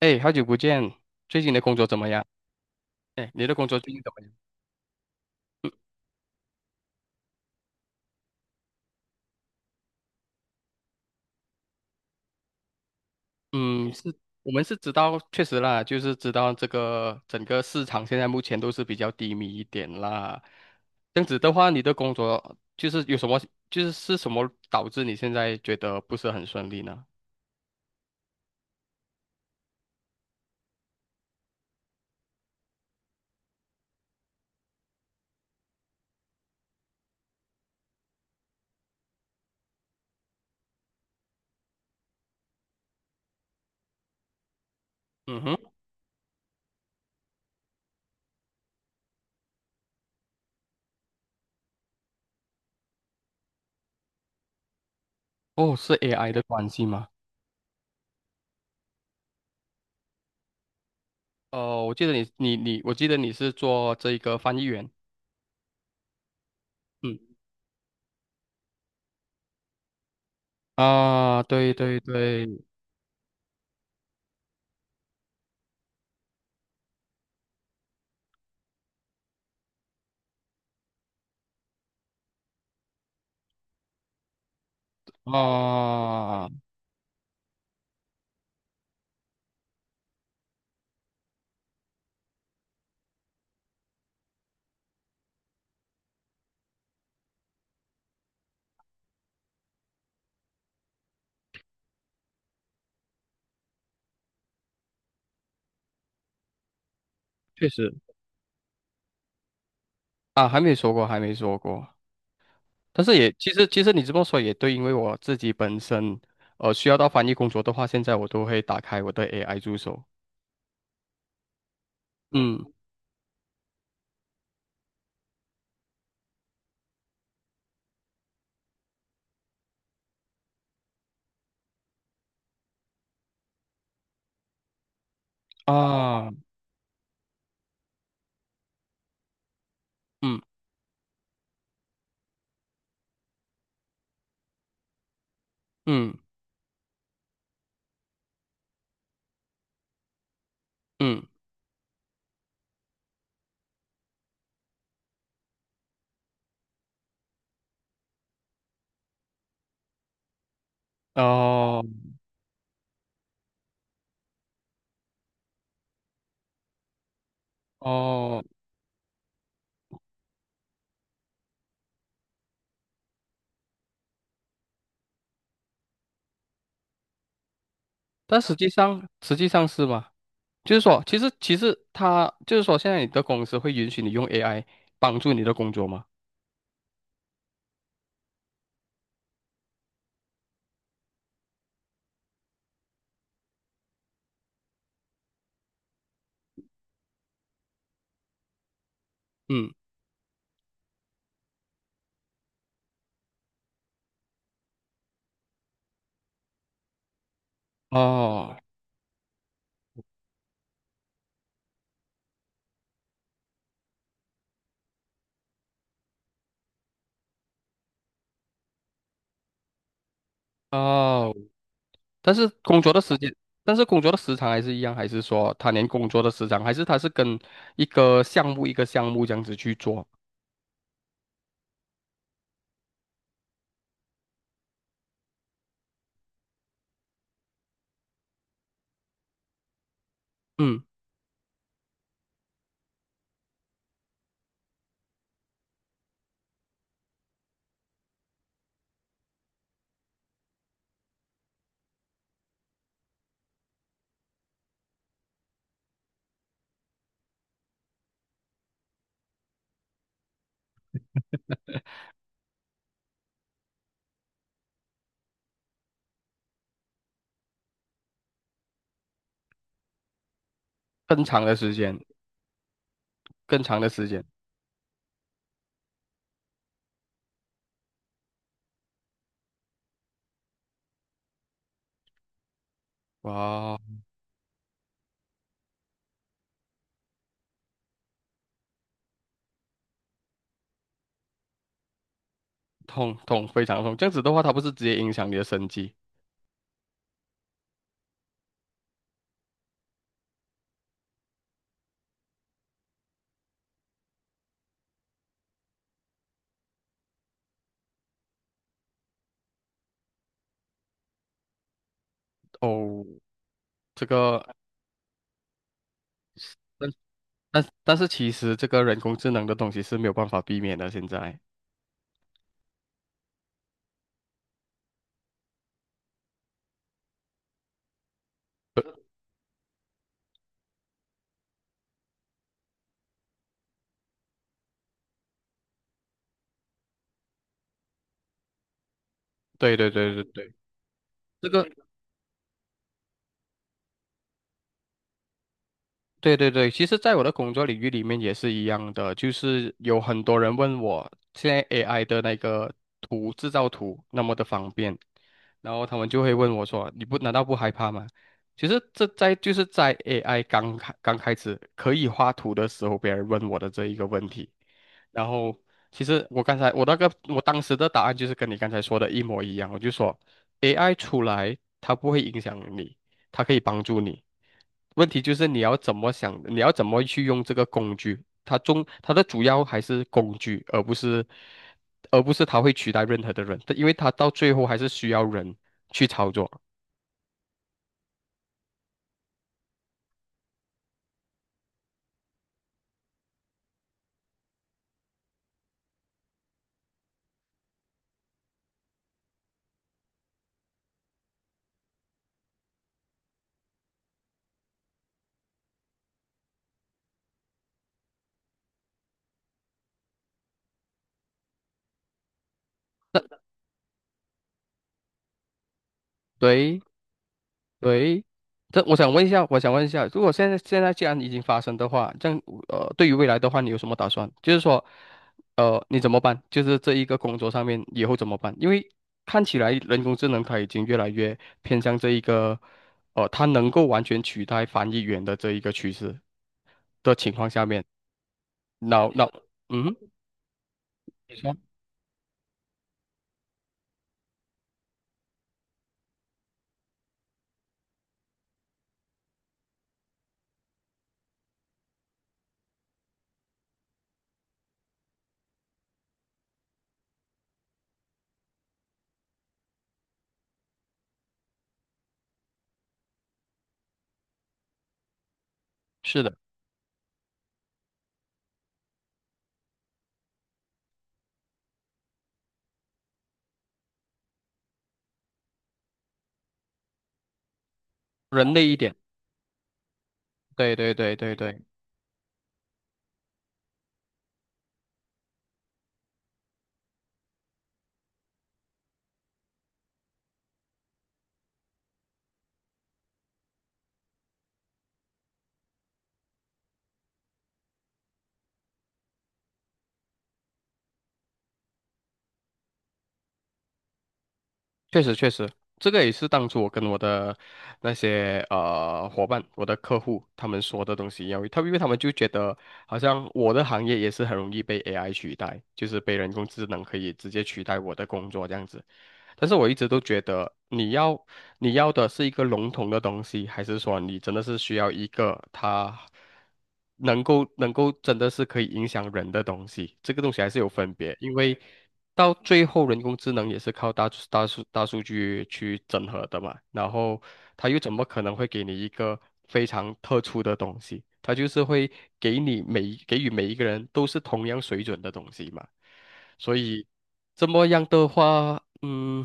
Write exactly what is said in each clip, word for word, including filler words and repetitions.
哎，好久不见，最近的工作怎么样？哎，你的工作最近怎么样？嗯，是我们是知道，确实啦，就是知道这个整个市场现在目前都是比较低迷一点啦。这样子的话，你的工作就是有什么，就是是什么导致你现在觉得不是很顺利呢？嗯哼。哦，是 A I 的关系吗？哦，我记得你你你，我记得你是做这个翻译员。嗯啊，对对对，啊，确实啊，还没说过，还没说过。但是也其实其实你这么说也对，因为我自己本身呃需要到翻译工作的话，现在我都会打开我的 A I 助手。嗯啊，嗯嗯嗯，哦哦，但实际上实际上是吗？就是说，其实其实它就是说，现在你的公司会允许你用 A I 帮助你的工作吗？嗯，哦哦，但是工作的时间，但是工作的时长还是一样，还是说他连工作的时长，还是他是跟一个项目一个项目这样子去做？嗯，更长的时间，更长的时间，哇哦，痛痛非常痛，这样子的话，它不是直接影响你的生计？哦，这个，但但但是其实这个人工智能的东西是没有办法避免的，现在。对对对对对，这个对对对，其实在我的工作领域里面也是一样的，就是有很多人问我现在 A I 的那个图制造图那么的方便，然后他们就会问我说：“你不难道不害怕吗？”其实这在就是在 A I 刚开刚开始可以画图的时候，别人问我的这一个问题。然后其实我刚才我那个我当时的答案就是跟你刚才说的一模一样，我就说 A I 出来它不会影响你，它可以帮助你。问题就是你要怎么想，你要怎么去用这个工具。它中它的主要还是工具，而不是而不是它会取代任何的人，因为它到最后还是需要人去操作。对，对，这我想问一下，我想问一下，如果现在现在既然已经发生的话，这样呃，对于未来的话，你有什么打算？就是说，呃，你怎么办？就是这一个工作上面以后怎么办？因为看起来人工智能它已经越来越偏向这一个，呃，它能够完全取代翻译员的这一个趋势的情况下面，脑脑，嗯，你说是的，人类一点，对对对对对。确实，确实，这个也是当初我跟我的那些呃伙伴、我的客户他们说的东西一样，他们因为他们就觉得好像我的行业也是很容易被 A I 取代，就是被人工智能可以直接取代我的工作这样子。但是我一直都觉得，你要你要的是一个笼统的东西，还是说你真的是需要一个它能够能够真的是可以影响人的东西？这个东西还是有分别，因为到最后人工智能也是靠大数大数大数据去整合的嘛，然后它又怎么可能会给你一个非常特殊的东西？它就是会给你每给予每一个人都是同样水准的东西嘛。所以这么样的话，嗯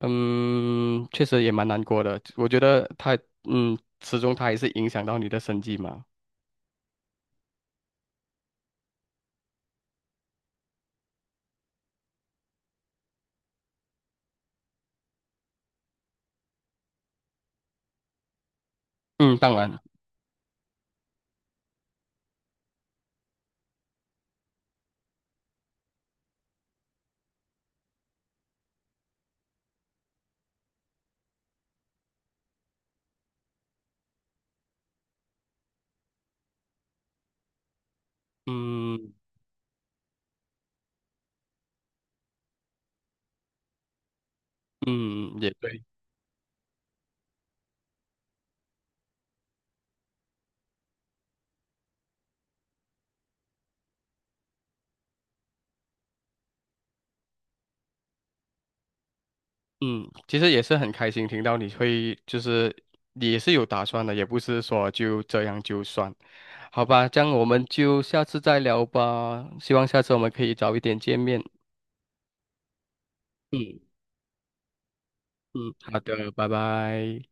嗯，确实也蛮难过的。我觉得它，嗯，始终它还是影响到你的生计嘛。嗯，当然，嗯嗯，也对，嗯，其实也是很开心听到你会，就是你也是有打算的，也不是说就这样就算，好吧？这样我们就下次再聊吧。希望下次我们可以早一点见面。嗯嗯，好的，拜拜。